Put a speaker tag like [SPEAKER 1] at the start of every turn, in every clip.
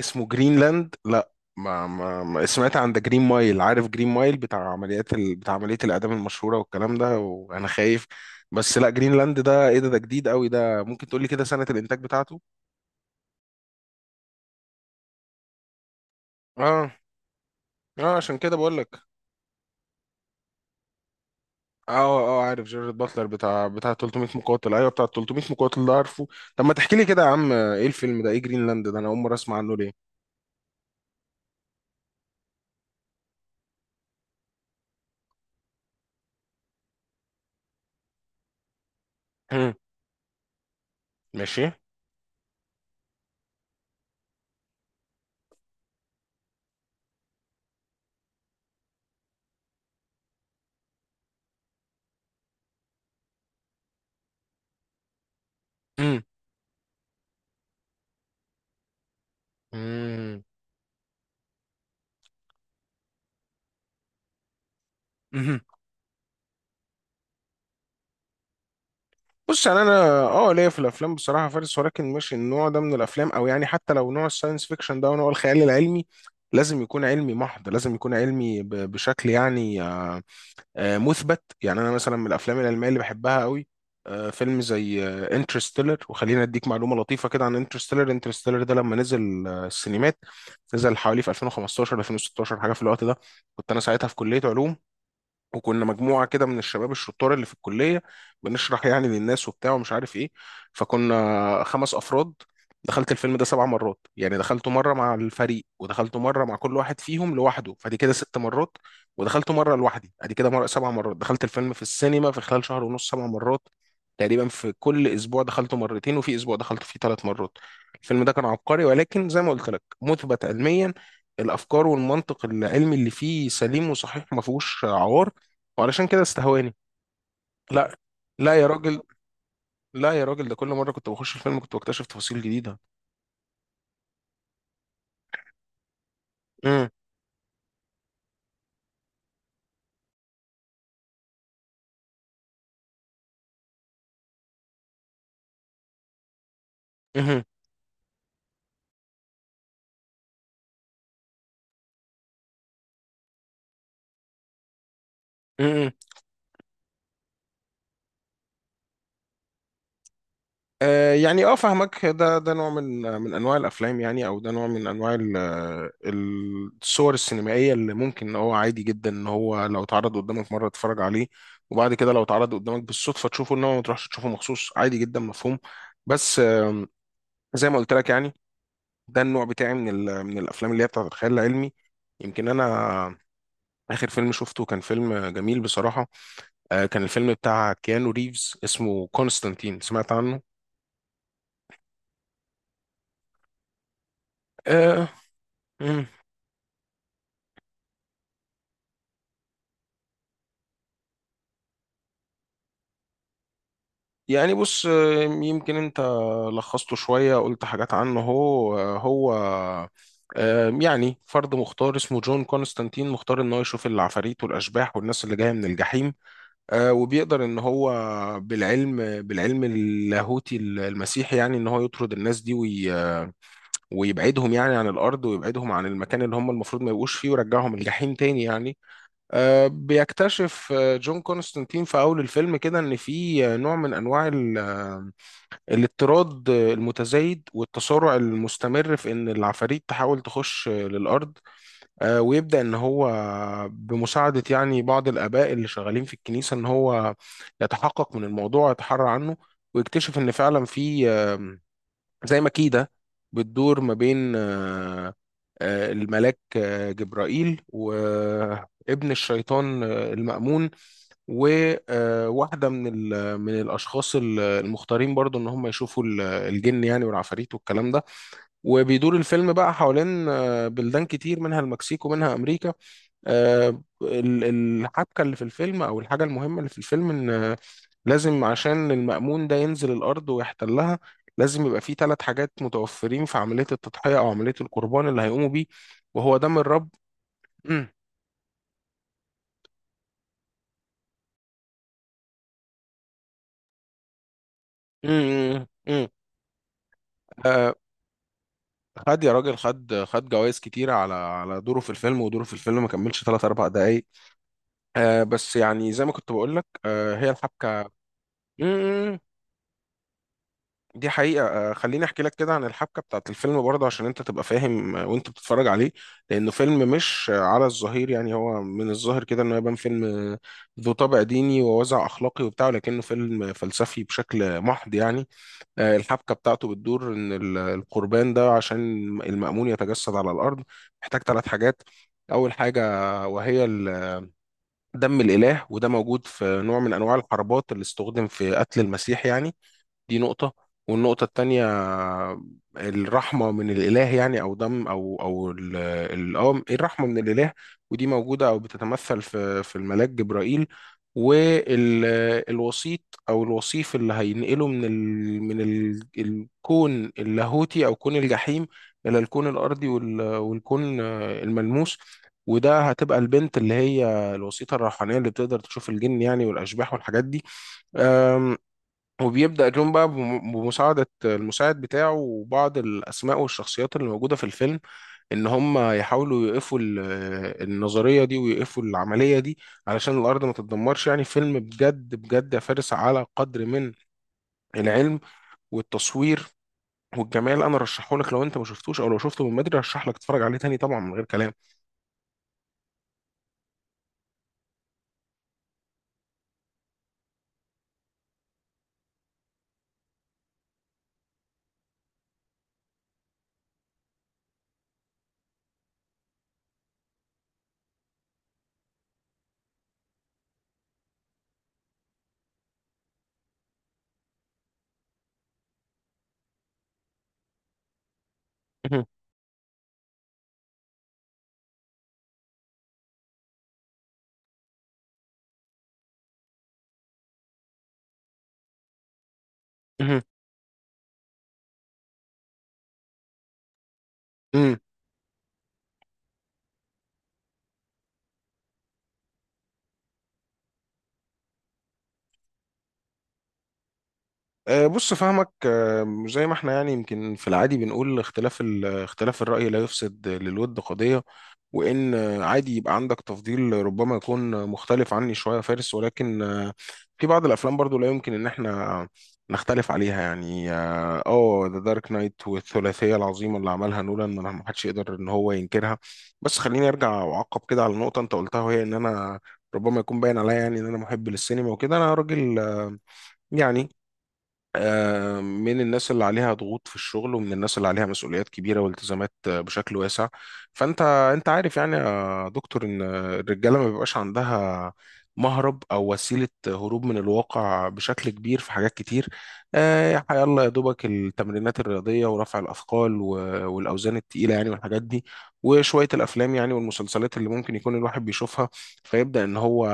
[SPEAKER 1] اسمه جرينلاند، لا، ما سمعت عن ده. جرين مايل، عارف جرين مايل، بتاع عملية الإعدام المشهورة والكلام ده، وأنا خايف. بس لا، جرينلاند ده إيه؟ ده جديد قوي، ده ممكن تقولي كده سنة الإنتاج بتاعته؟ اه، اه، عشان كده بقول لك. اه، اه، عارف جيرارد باتلر بتاع 300 مقاتل، ايوه بتاع 300 مقاتل ده، عارفه. طب ما تحكي لي كده يا عم، ايه الفيلم ده، ايه جرينلاند ده، انا اول مره اسمع عنه، ليه؟ مم. ماشي. مم. مم. بص، يعني انا، اه ليا في الافلام بصراحه فارس، ولكن مش النوع ده من الافلام، او يعني حتى لو نوع الساينس فيكشن ده ونوع الخيال العلمي، لازم يكون علمي محض، لازم يكون علمي بشكل، يعني، مثبت. يعني انا مثلا من الافلام العلميه اللي بحبها قوي، فيلم زي انترستيلر، وخلينا اديك معلومه لطيفه كده عن انترستيلر. انترستيلر ده لما نزل السينمات، نزل حوالي في 2015 2016 حاجه في الوقت ده. كنت انا ساعتها في كليه علوم، وكنا مجموعه كده من الشباب الشطار اللي في الكليه، بنشرح يعني للناس وبتاع ومش عارف ايه. فكنا 5 افراد. دخلت الفيلم ده 7 مرات، يعني دخلته مره مع الفريق، ودخلته مره مع كل واحد فيهم لوحده، فدي كده 6 مرات. ودخلته مره لوحدي، ادي كده مرة 7 مرات، دخلت الفيلم في السينما في خلال شهر ونص 7 مرات. تقريبا في كل اسبوع دخلته مرتين، وفي اسبوع دخلت فيه 3 مرات. الفيلم ده كان عبقري، ولكن زي ما قلت لك مثبت علميا. الافكار والمنطق العلمي اللي فيه سليم وصحيح، ما فيهوش عوار، وعلشان كده استهواني. لا. لا يا راجل. لا يا راجل، ده كل مرة كنت بخش الفيلم كنت بكتشف تفاصيل جديدة. امم. امم. امم. آه، يعني، اه، فاهمك. ده نوع من انواع الافلام يعني، او ده نوع من انواع الصور السينمائيه اللي ممكن ان هو عادي جدا ان هو لو اتعرض قدامك مره تتفرج عليه، وبعد كده لو اتعرض قدامك بالصدفه تشوفه، انما ما تروحش تشوفه مخصوص، عادي جدا، مفهوم. بس، زي ما قلت لك يعني، ده النوع بتاعي من الافلام اللي هي بتاعت الخيال العلمي. يمكن انا آخر فيلم شفته كان فيلم جميل بصراحة. كان الفيلم بتاع كيانو ريفز اسمه كونستانتين، سمعت عنه؟ آه. مم. يعني بص، يمكن أنت لخصته شوية، قلت حاجات عنه. هو هو يعني فرد مختار اسمه جون كونستانتين، مختار ان هو يشوف العفاريت والاشباح والناس اللي جايه من الجحيم. وبيقدر ان هو بالعلم، بالعلم اللاهوتي المسيحي يعني، ان هو يطرد الناس دي ويبعدهم يعني عن الأرض، ويبعدهم عن المكان اللي هم المفروض ما يبقوش فيه، ويرجعهم الجحيم تاني يعني. بيكتشف جون كونستانتين في أول الفيلم كده إن في نوع من أنواع الاضطراد المتزايد والتسارع المستمر في إن العفاريت تحاول تخش للأرض. ويبدأ إن هو بمساعدة يعني بعض الآباء اللي شغالين في الكنيسة، إن هو يتحقق من الموضوع ويتحرى عنه، ويكتشف إن فعلا في زي ما كيدة بتدور ما بين الملاك جبرائيل وابن الشيطان المأمون، وواحدة من الأشخاص المختارين برضو إن هم يشوفوا الجن يعني، والعفاريت، والكلام ده. وبيدور الفيلم بقى حوالين بلدان كتير، منها المكسيك ومنها أمريكا. آه، ال- الحبكة اللي في الفيلم، أو الحاجة المهمة اللي في الفيلم، إن لازم عشان المأمون ده ينزل الأرض ويحتلها، لازم يبقى فيه 3 حاجات متوفرين في عملية التضحية أو عملية القربان اللي هيقوموا بيه، وهو دم الرب. مم. مم. مم. آه، خد يا راجل، خد خد جوائز كتيرة على دوره في الفيلم، ودوره في الفيلم ما كملش 3 4 دقايق. بس يعني زي ما كنت بقول لك، هي الحبكة دي حقيقة، خليني أحكي لك كده عن الحبكة بتاعت الفيلم برضه عشان أنت تبقى فاهم وأنت بتتفرج عليه. لأنه فيلم مش على الظهير يعني، هو من الظاهر كده إنه يبان فيلم ذو طابع ديني ووازع أخلاقي وبتاع، لكنه فيلم فلسفي بشكل محض يعني. الحبكة بتاعته بتدور إن القربان ده عشان المأمون يتجسد على الأرض محتاج 3 حاجات. أول حاجة، وهي دم الإله، وده موجود في نوع من أنواع الحربات اللي استخدم في قتل المسيح يعني. دي نقطة. والنقطة التانية، الرحمة من الإله، يعني أو دم، أو إيه، الرحمة من الإله. ودي موجودة أو بتتمثل في الملاك جبرائيل. والوسيط أو الوصيف اللي هينقله من الكون اللاهوتي أو كون الجحيم إلى الكون الأرضي والكون الملموس. وده هتبقى البنت اللي هي الوسيطة الروحانية اللي بتقدر تشوف الجن يعني، والأشباح، والحاجات دي. وبيبدأ جون بقى بمساعدة المساعد بتاعه، وبعض الأسماء والشخصيات اللي موجودة في الفيلم، إن هم يحاولوا يوقفوا النظرية دي، ويوقفوا العملية دي علشان الأرض ما تتدمرش يعني. فيلم بجد بجد يا فارس، على قدر من العلم والتصوير والجمال، أنا رشحه لك، لو أنت ما شفتوش، أو لو شفته من بدري، رشح لك تتفرج عليه تاني طبعا، من غير كلام. امم. بص فهمك، زي ما احنا يعني يمكن في العادي بنقول اختلاف اختلاف الرأي لا يفسد للود قضية. وان عادي يبقى عندك تفضيل ربما يكون مختلف عني شويه يا فارس، ولكن في بعض الافلام برضو لا يمكن ان احنا نختلف عليها يعني، اه، ذا دارك نايت والثلاثيه العظيمه اللي عملها نولان، ما حدش يقدر ان هو ينكرها. بس خليني ارجع واعقب كده على نقطه انت قلتها، وهي ان انا ربما يكون باين عليا يعني ان انا محب للسينما وكده، انا راجل، يعني، من الناس اللي عليها ضغوط في الشغل، ومن الناس اللي عليها مسؤوليات كبيرة والتزامات بشكل واسع. فأنت أنت عارف يعني يا دكتور إن الرجالة ما بيبقاش عندها مهرب أو وسيلة هروب من الواقع بشكل كبير في حاجات كتير. يلا يا دوبك التمرينات الرياضية، ورفع الأثقال، والأوزان التقيلة يعني، والحاجات دي، وشوية الأفلام يعني، والمسلسلات اللي ممكن يكون الواحد بيشوفها، فيبدأ إن هو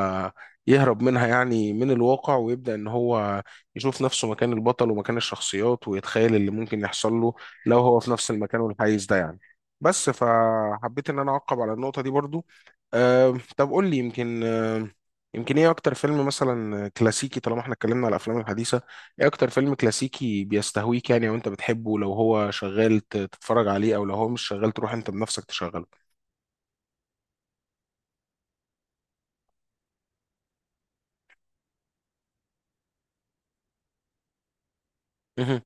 [SPEAKER 1] يهرب منها يعني من الواقع، ويبدأ إن هو يشوف نفسه مكان البطل ومكان الشخصيات، ويتخيل اللي ممكن يحصل له لو هو في نفس المكان والحيز ده يعني. بس فحبيت ان انا اعقب على النقطة دي برضو. طب قول لي، يمكن ايه اكتر فيلم مثلا كلاسيكي، طالما احنا اتكلمنا على الافلام الحديثة، ايه اكتر فيلم كلاسيكي بيستهويك يعني، او انت بتحبه لو هو شغال تتفرج عليه، او لو هو مش شغال تروح انت بنفسك تشغله؟ مهم.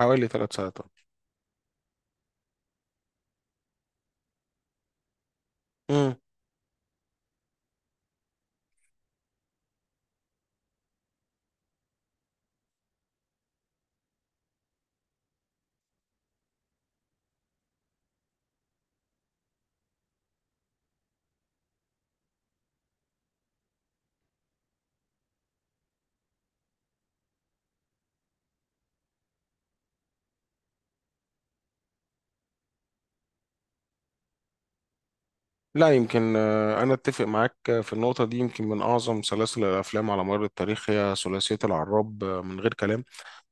[SPEAKER 1] حوالي 3 ساعات. لا يمكن، أنا أتفق معاك في النقطة دي، يمكن من أعظم سلاسل الأفلام على مر التاريخ هي ثلاثية العراب، من غير كلام.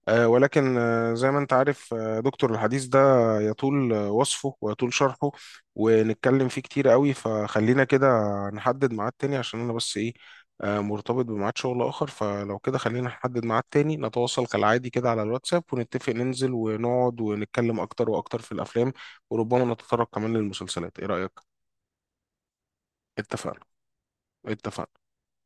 [SPEAKER 1] ولكن زي ما أنت عارف دكتور، الحديث ده يطول وصفه، ويطول شرحه، ونتكلم فيه كتير قوي، فخلينا كده نحدد ميعاد تاني عشان أنا بس إيه، مرتبط بميعاد شغل آخر. فلو كده خلينا نحدد ميعاد تاني، نتواصل كالعادي كده على الواتساب، ونتفق ننزل ونقعد ونتكلم أكتر وأكتر في الأفلام، وربما نتطرق كمان للمسلسلات، إيه رأيك؟ اتفقنا. اتفقنا.